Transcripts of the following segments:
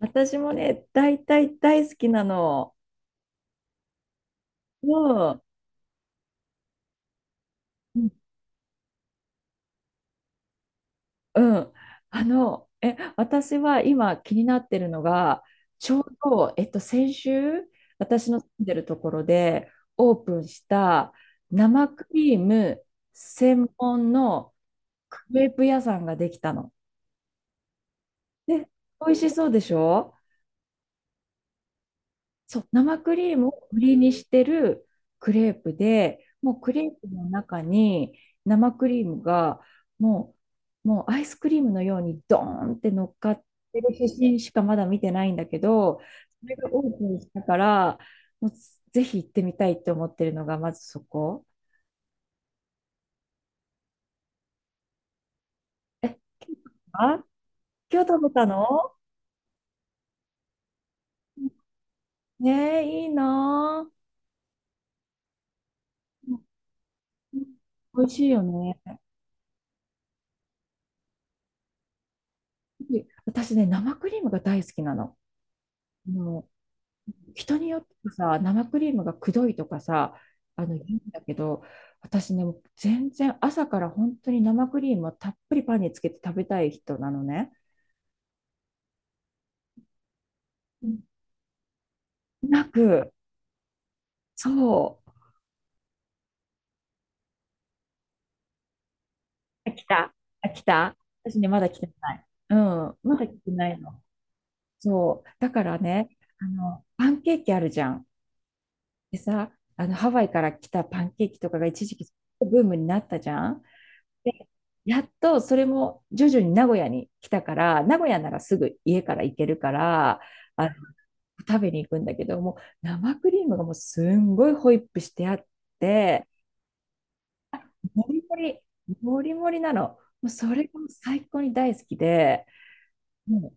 私もね、大体大好きなの。もう、うん。うん。私は今気になってるのが、ちょうど、先週、私の住んでるところでオープンした生クリーム専門のクレープ屋さんができたの。で、美味しそうでしょ？そう、生クリームを売りにしてるクレープで、もうクレープの中に生クリームがももうアイスクリームのようにドーンって乗っかってる写真しかまだ見てないんだけど、それがオープンしたから、もうぜひ行ってみたいって思ってるのがまずそこ。え、京都は？今日食べたの？ねえ、いいなぁ。うん、美味しいよね。私ね、生クリームが大好きなの。も、人によってはさ、生クリームがくどいとかさ、あの、言うんだけど、私ね、もう全然朝から本当に生クリームをたっぷりパンにつけて食べたい人なのね。うん。なく、そう。来た。あ、来た。私ね、まだ来てない。うん、まだ来てないの。そう。だからね、あの、パンケーキあるじゃん。でさ、あの、ハワイから来たパンケーキとかが一時期ブームになったじゃん。で、やっとそれも徐々に名古屋に来たから、名古屋ならすぐ家から行けるから、あの、食べに行くんだけど、もう生クリームがもうすんごいホイップしてあって、もりもり、もりもりなの。もうそれがもう最高に大好きで、もう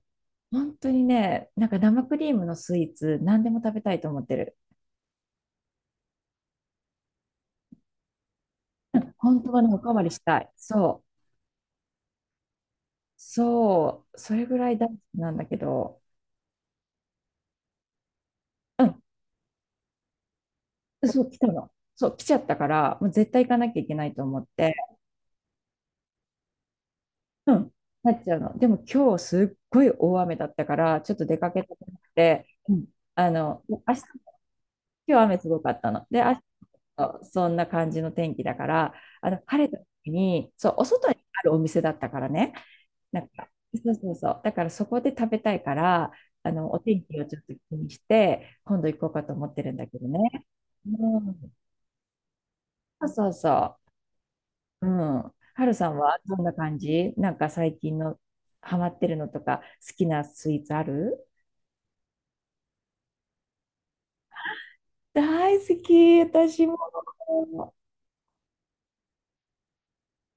本当にね、なんか生クリームのスイーツ、何でも食べたいと思ってる。本当はね、おかわりしたい。そう、そう、それぐらい大好きなんだけど。うん、そう、来たの。そう、来ちゃったから、もう絶対行かなきゃいけないと思って、うん、なっちゃうの。でも今日すっごい大雨だったから、ちょっと出かけたくなくて、うん、あの、明日、今日雨すごかったの。で、明日、そんな感じの天気だから、あの、晴れた時に、そう、お外にあるお店だったからね、なんか、そうそうそう、だからそこで食べたいから、あの、お天気をちょっと気にして、今度行こうかと思ってるんだけどね。うん、そうそうそう。うん。はるさんはどんな感じ？なんか最近のハマってるのとか、好きなスイーツある？大好き、私も。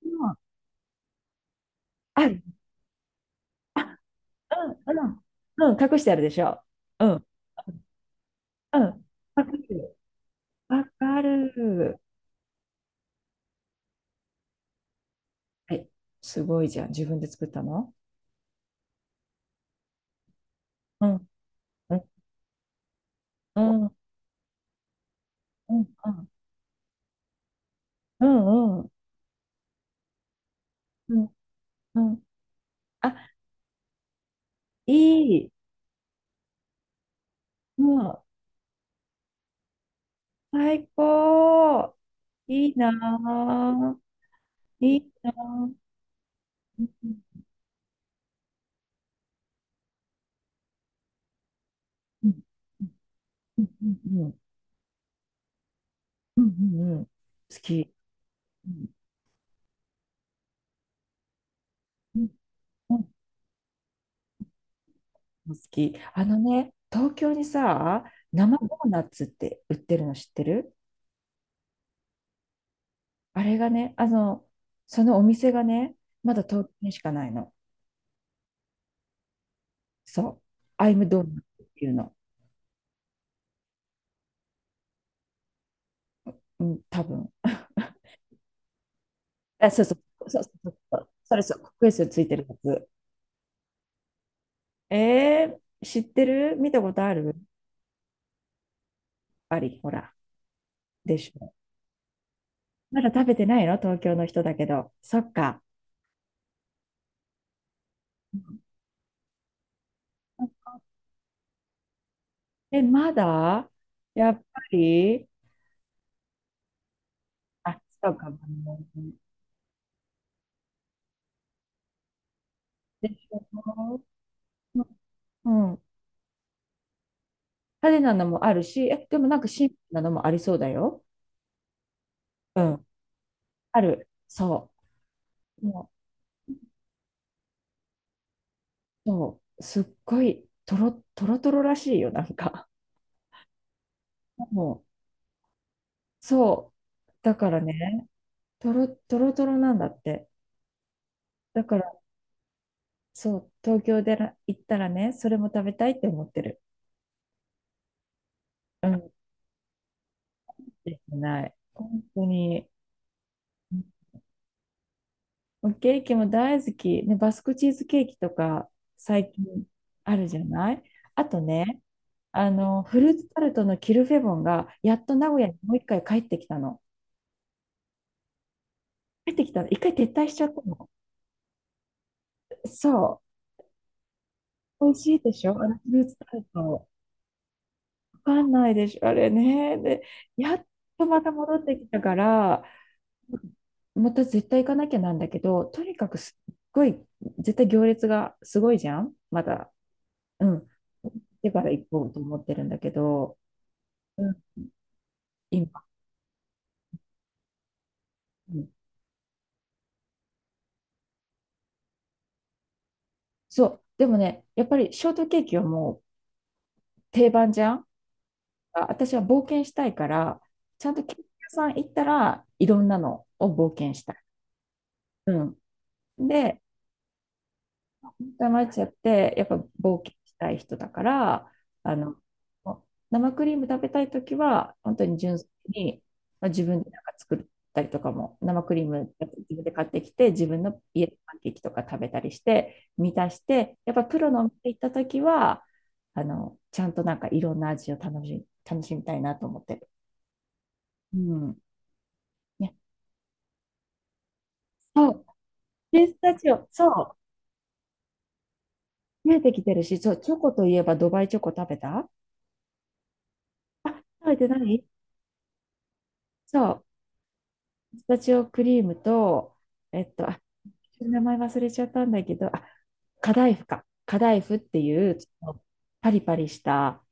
うん、ある。うん、うん。うん、隠してあるでしょ。うん、うん。わかる。わかる。え、すごいじゃん。自分で作ったの？うん、うん、うん、うん、うん、うん、うん、うん。うん、あ、いい。うん、最高。いいなぁ。いいなぁ。うん、うん、うん、うん、うん、うん、うん、好き。うん、うん、うん、好き。あのね、東京にさ、生ドーナツって売ってるの知ってる？あれがね、あの、そのお店がね、まだ東京にしかないの。そう。アイムドーナツっていうの。うん、多分。あ、そうそう。そうそうそうそう。それそう。クックエストついてるやつ。えー、知ってる？見たことある？あり、ほら。でしょ。まだ食べてないの東京の人だけど。そっか。え、まだやっぱり、あ、そうかもね。でしょ？うん。派手なのもあるし、え、でもなんかシンプルなのもありそうだよ。うん。ある。そう。もう、そう。すっごい、とろ、とろとろらしいよ、なんか。もう、そう。だからね、とろ、とろとろなんだって。だから、そう、東京でら行ったらね、それも食べたいって思ってる。うん。できない。本当に。ケーキも大好き。ね、バスクチーズケーキとか最近あるじゃない？あとね、あの、フルーツタルトのキルフェボンがやっと名古屋にもう一回帰ってきたの。帰ってきたの。一回撤退しちゃったの。そう。美味しいでしょあのフルーツタルト。わかんないでしょあれね。で、やっとまた戻ってきたから、また絶対行かなきゃなんだけど、とにかくすっごい、絶対行列がすごいじゃんまだ。うん。でから行こうと思ってるんだけど、うん。今。うん、そう。でもね、やっぱりショートケーキはもう定番じゃん。あ、私は冒険したいから、ちゃんとケーキ屋さん行ったらいろんなのを冒険したい。うん。で、ダマルチアってやっぱ冒険したい人だから、あの、生クリーム食べたい時は本当に純粋に、まあ、自分でなんか作ったりとかも生クリーム自分で買ってきて自分の家でパンケーキとか食べたりして満たして、やっぱプロのお店行った時はあのちゃんとなんかいろんな味を楽しみたいなと思ってる。うん、ね、そう、ピスタチオ、そう見えてきてるし、そうチョコといえばドバイチョコ食べた？食べてない？そう、ピスタチオクリームと、えっと、あ、名前忘れちゃったんだけど、あ、カダイフか。カダイフっていう、ちょっとパリパリした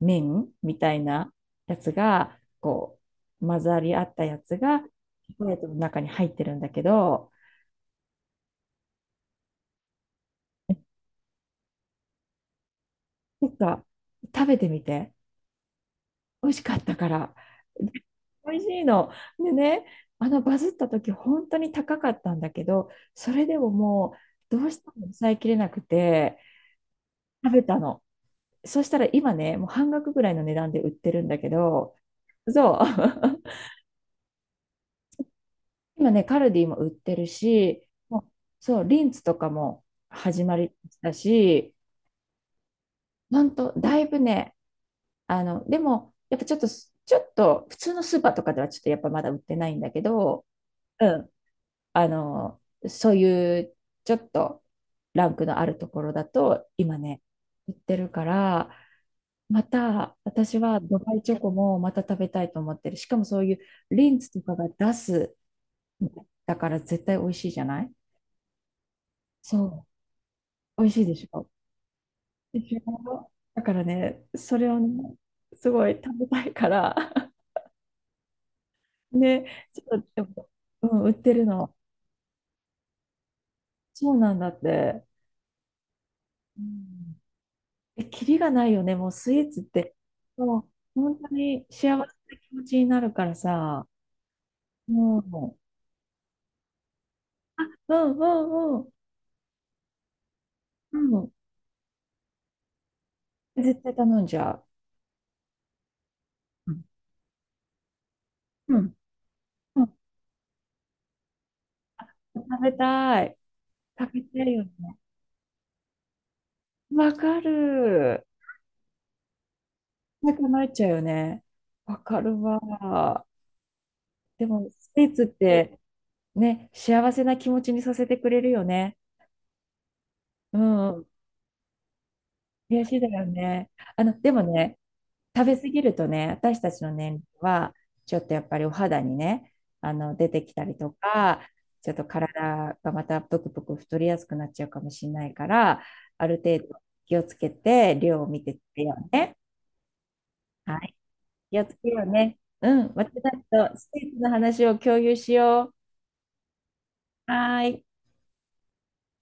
麺みたいなやつが、こう、混ざり合ったやつが、チョコレートの中に入ってるんだけど、なんか、食べてみて。美味しかったから。美味しいの。でね、あのバズった時本当に高かったんだけど、それでももうどうしても抑えきれなくて食べたの。そしたら今ね、もう半額ぐらいの値段で売ってるんだけど、そう。今ね、カルディも売ってるし、もう、そう、リンツとかも始まりだし、本当だいぶね、あの、でも、やっぱちょっと、ちょっと、普通のスーパーとかではちょっとやっぱまだ売ってないんだけど、うん、あの、そういう、ちょっと、ランクのあるところだと、今ね、売ってるから、また、私はドバイチョコもまた食べたいと思ってる。しかもそういうリンツとかが出す、だから絶対美味しいじゃない？そう、美味しいでしょ。でしょだからね、それをね、すごい食べたいから、ね、ちょっと、でもうん、売ってるの。そうなんだって。うん、え、キリがないよね、もうスイーツって。もう、本当に幸せな気持ちになるからさ。もう、うん、うん、うん。うん、絶対頼んじゃう。うん、うん、食べたい。食べたいよね。わかる。なくなっちゃうよね。わかるわ。でも、スイーツってね、幸せな気持ちにさせてくれるよね。うん。悔しいだよね。あの、でもね、食べ過ぎるとね、私たちの年齢は、ちょっとやっぱりお肌にね、あの出てきたりとか、ちょっと体がまたぷくぷく太りやすくなっちゃうかもしれないから、ある程度気をつけて、量を見てってよね。はい。気をつけようね。うん。私たちとステージの話を共有しよう。はーい。